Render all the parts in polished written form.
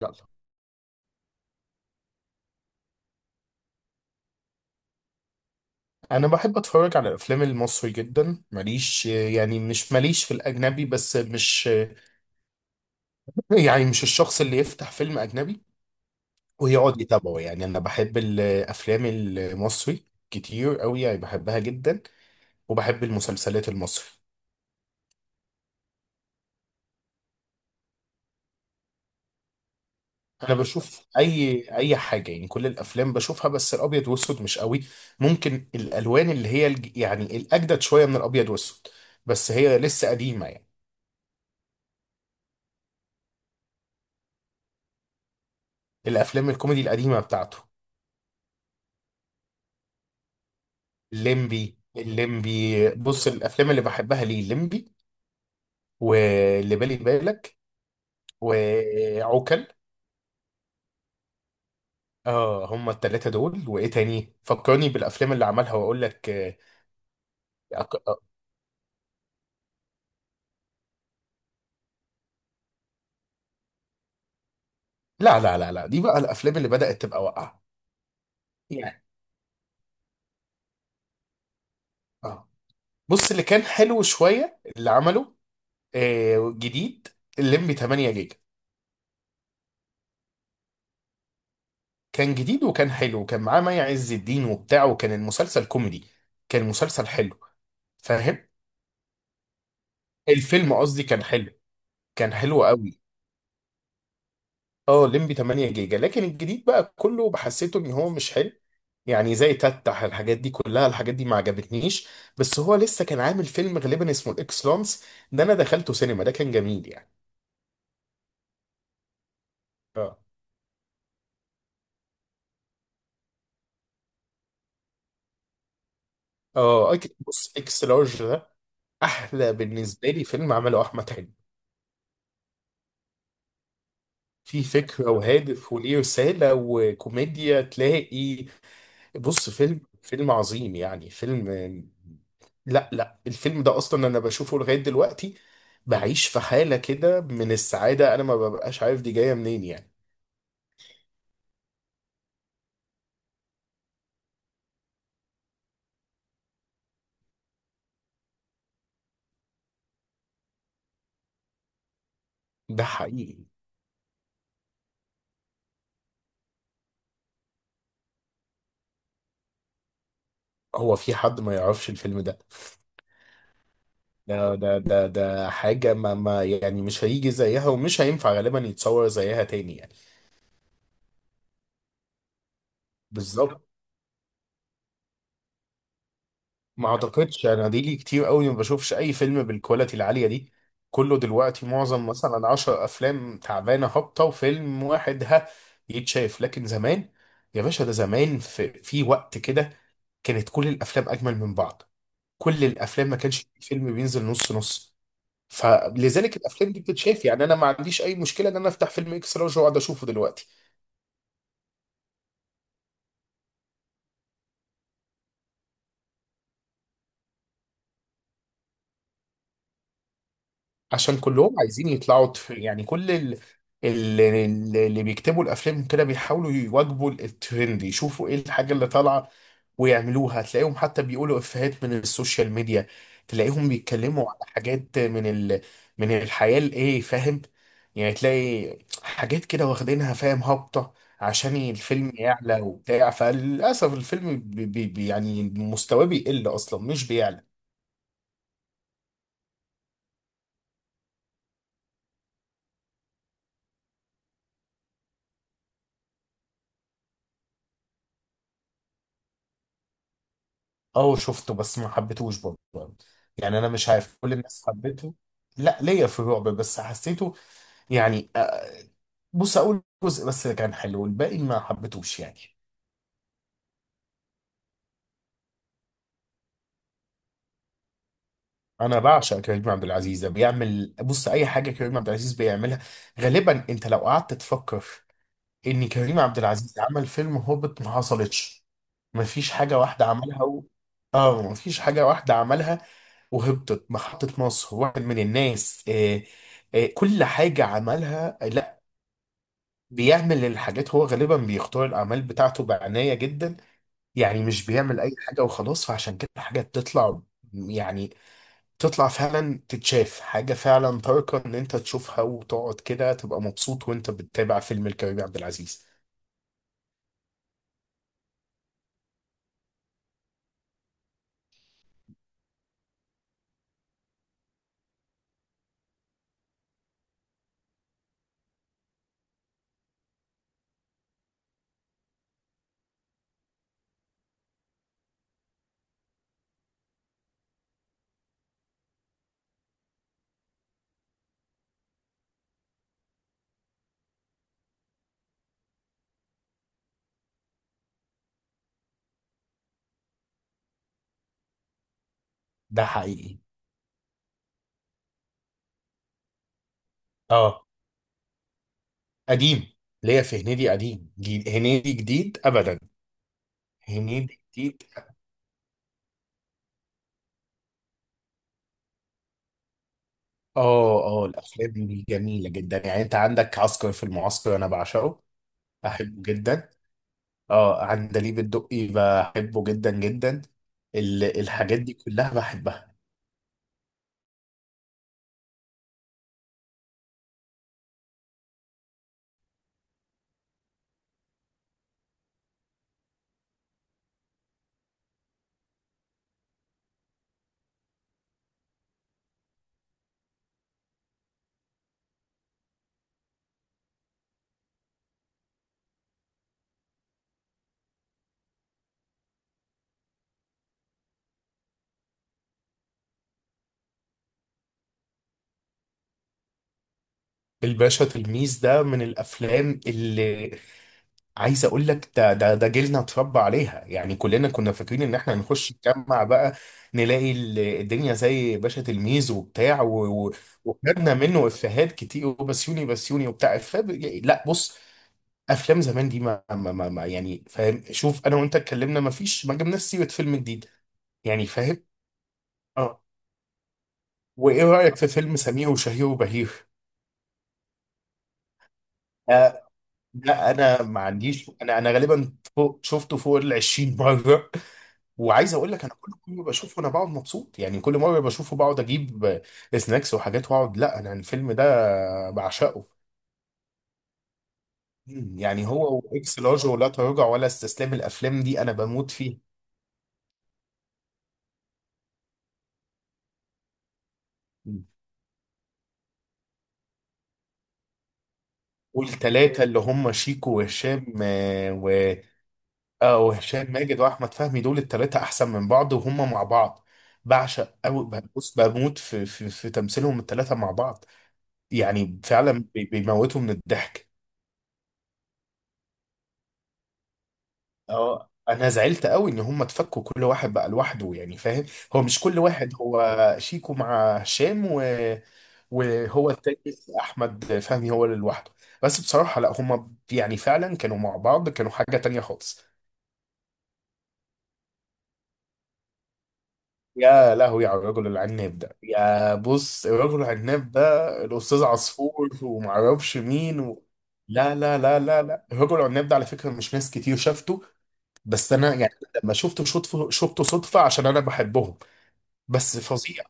لا، انا بحب اتفرج على الافلام المصري جدا. ماليش يعني مش ماليش في الاجنبي، بس مش يعني مش الشخص اللي يفتح فيلم اجنبي ويقعد يتابعه. يعني انا بحب الافلام المصري كتير قوي، يعني بحبها جدا. وبحب المسلسلات المصري. انا بشوف اي حاجه، يعني كل الافلام بشوفها، بس الابيض واسود مش قوي. ممكن الالوان اللي هي يعني الاجدد شويه من الابيض واسود، بس هي لسه قديمه يعني. الافلام الكوميدي القديمه بتاعته. الليمبي. بص، الافلام اللي بحبها ليه الليمبي، واللي بالي بالك، وعوكل. اه، هما التلاتة دول، وايه تاني فكرني بالافلام اللي عملها واقول لك. أك- آه، لا لا لا لا، دي بقى الافلام اللي بدأت تبقى واقعة. يعني اه، بص اللي كان حلو شوية اللي عمله جديد، الليمبي 8 جيجا. كان جديد وكان حلو، وكان معاه مي عز الدين وبتاع، وكان المسلسل كوميدي، كان مسلسل حلو، فاهم. الفيلم قصدي كان حلو، كان حلو قوي. اه، لمبي 8 جيجا، لكن الجديد بقى كله بحسيته ان هو مش حلو. يعني زي تتح، الحاجات دي كلها الحاجات دي ما عجبتنيش. بس هو لسه كان عامل فيلم غالبا اسمه الاكس لانس، ده انا دخلته سينما، ده كان جميل يعني. اه اه، بص، اكس لارج ده احلى بالنسبه لي فيلم عمله احمد حلمي. في فكره وهادف وليه رساله وكوميديا تلاقي. بص، فيلم فيلم عظيم يعني فيلم. لا لا، الفيلم ده اصلا انا بشوفه لغايه دلوقتي. بعيش في حاله كده من السعاده، انا ما ببقاش عارف دي جايه منين يعني. ده حقيقي. هو في حد ما يعرفش الفيلم ده؟ ده حاجه ما يعني، مش هيجي زيها، ومش هينفع غالبا يتصور زيها تاني يعني. بالظبط. ما اعتقدش انا دي لي كتير قوي ما بشوفش اي فيلم بالكواليتي العاليه دي. كله دلوقتي معظم مثلا 10 افلام تعبانه هابطه، وفيلم واحد ها يتشاف. لكن زمان، يا باشا، ده زمان في وقت كده كانت كل الافلام اجمل من بعض. كل الافلام، ما كانش في فيلم بينزل نص نص. فلذلك الافلام دي بتتشاف. يعني انا ما عنديش اي مشكله ان انا افتح فيلم اكس لارج واقعد اشوفه دلوقتي. عشان كلهم عايزين يطلعوا يعني كل اللي بيكتبوا الافلام كده بيحاولوا يواجبوا الترند، يشوفوا ايه الحاجه اللي طالعه ويعملوها. تلاقيهم حتى بيقولوا افيهات من السوشيال ميديا، تلاقيهم بيتكلموا على حاجات من من الحياه الايه فاهم. يعني تلاقي حاجات كده واخدينها فاهم هابطه عشان الفيلم يعلى وبتاع، فللاسف الفيلم يعني مستواه بيقل اصلا مش بيعلى. اه شفته، بس ما حبيتهوش برضه. يعني انا مش عارف، كل الناس حبته. لا، ليا في الرعب، بس حسيته يعني، بص، اقول جزء بس اللي كان حلو، الباقي ما حبيتهوش يعني. انا بعشق كريم عبد العزيز، ده بيعمل، بص، اي حاجه كريم عبد العزيز بيعملها، غالبا انت لو قعدت تفكر ان كريم عبد العزيز عمل فيلم هوبت ما حصلتش، مفيش حاجه واحده عملها هو. اه، مفيش حاجه واحده عملها وهبطت. محطة مصر، واحد من الناس، كل حاجة عملها. لا، بيعمل الحاجات هو غالبا، بيختار الأعمال بتاعته بعناية جدا. يعني مش بيعمل أي حاجة وخلاص، فعشان كده الحاجة تطلع، يعني تطلع فعلا، تتشاف حاجة فعلا تاركة إن أنت تشوفها وتقعد كده تبقى مبسوط وأنت بتتابع فيلم الكريم عبد العزيز. ده حقيقي. اه، قديم. ليا في هنيدي قديم، هنيدي جديد أبدا. هنيدي جديد. اه اه، الافلام دي جميله جدا. يعني انت عندك عسكر في المعسكر، انا بعشقه، بحبه جدا. اه، عندليب الدقي بحبه جدا جدا. ال الحاجات دي كلها بحبها. الباشا تلميذ ده من الافلام اللي عايز اقول لك ده ده ده جيلنا اتربى عليها. يعني كلنا كنا فاكرين ان احنا هنخش نجمع بقى، نلاقي الدنيا زي باشا تلميذ وبتاع وخدنا منه افيهات كتير، وبسيوني بسيوني وبتاع إفيه لا، بص، افلام زمان دي ما يعني فاهم، شوف انا وانت اتكلمنا، ما فيش ما جبناش سيره فيلم جديد، يعني فاهم. اه. وايه رايك في فيلم سمير وشهير وبهير؟ آه لا، انا ما عنديش، انا انا غالبا فوق شفته فوق ال 20 مره. وعايز اقول لك انا كل مره بشوفه انا بقعد مبسوط، يعني كل مره بشوفه بقعد اجيب سناكس وحاجات واقعد، لا، انا الفيلم ده بعشقه. يعني هو واكس لارج ولا تراجع ولا استسلام، الافلام دي انا بموت فيه. والتلاتة اللي هم شيكو وهشام آه، و اه وهشام ماجد واحمد فهمي، دول التلاتة احسن من بعض، وهم مع بعض بعشق قوي. بص بموت في تمثيلهم التلاتة مع بعض، يعني فعلا بيموتوا من الضحك. اه، انا زعلت قوي ان هم اتفكوا كل واحد بقى لوحده، يعني فاهم. هو مش كل واحد، هو شيكو مع هشام وهو التاني، احمد فهمي هو اللي لوحده. بس بصراحة لا، هم يعني فعلا كانوا مع بعض كانوا حاجة تانية خالص. يا لهوي على الرجل العناب ده. يا بص، الرجل العناب ده الأستاذ عصفور، ومعرفش مين لا لا لا لا لا، الرجل العناب ده على فكرة مش ناس كتير شافته. بس أنا يعني لما شفته صدفة عشان أنا بحبهم. بس فظيع.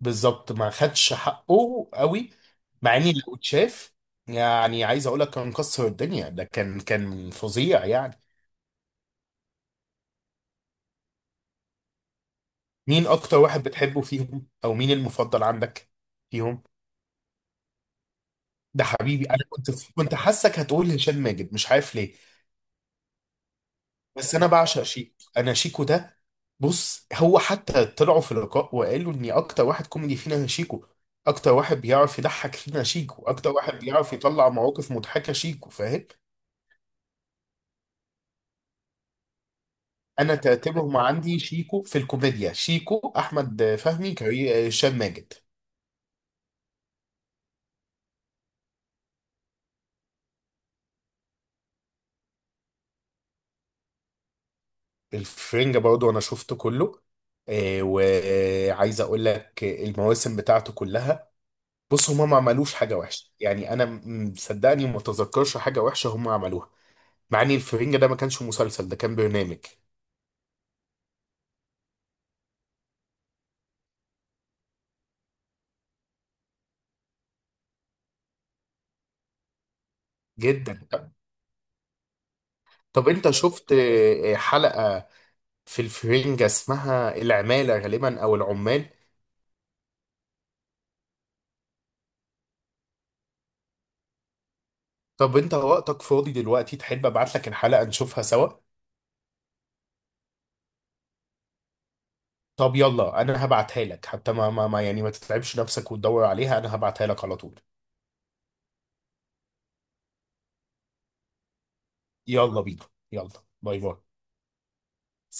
بالظبط، ما خدش حقه قوي، مع إني لو اتشاف، يعني عايز أقول لك كان كسر الدنيا، ده كان فظيع يعني. مين أكتر واحد بتحبه فيهم، أو مين المفضل عندك فيهم؟ ده حبيبي، انا كنت حاسك هتقول هشام ماجد، مش عارف ليه. بس انا بعشق شيكو، انا شيكو ده، بص، هو حتى طلعوا في لقاء وقالوا اني اكتر واحد كوميدي فينا شيكو، اكتر واحد بيعرف يضحك فينا شيكو، اكتر واحد بيعرف يطلع مواقف مضحكة شيكو، فاهم. انا ترتيبهم عندي شيكو في الكوميديا، شيكو، احمد فهمي، كريم، هشام ماجد. الفرنجة برضو انا شفته كله. وعايز اقول لك المواسم بتاعته كلها، بص هما ما عملوش حاجة وحشة. يعني أنا صدقني ما تذكرش حاجة وحشة هما عملوها. مع إن الفرنجة ده ما كانش مسلسل، ده كان برنامج. جدا. طب، أنت شفت حلقة في الفرنجة اسمها العمالة، غالبا أو العمال؟ طب، أنت وقتك فاضي دلوقتي، تحب أبعت لك الحلقة نشوفها سوا؟ طب يلا، أنا هبعتها لك حتى يعني ما تتعبش نفسك وتدور عليها، أنا هبعتها لك على طول. يلا بينا. يلا. باي باي.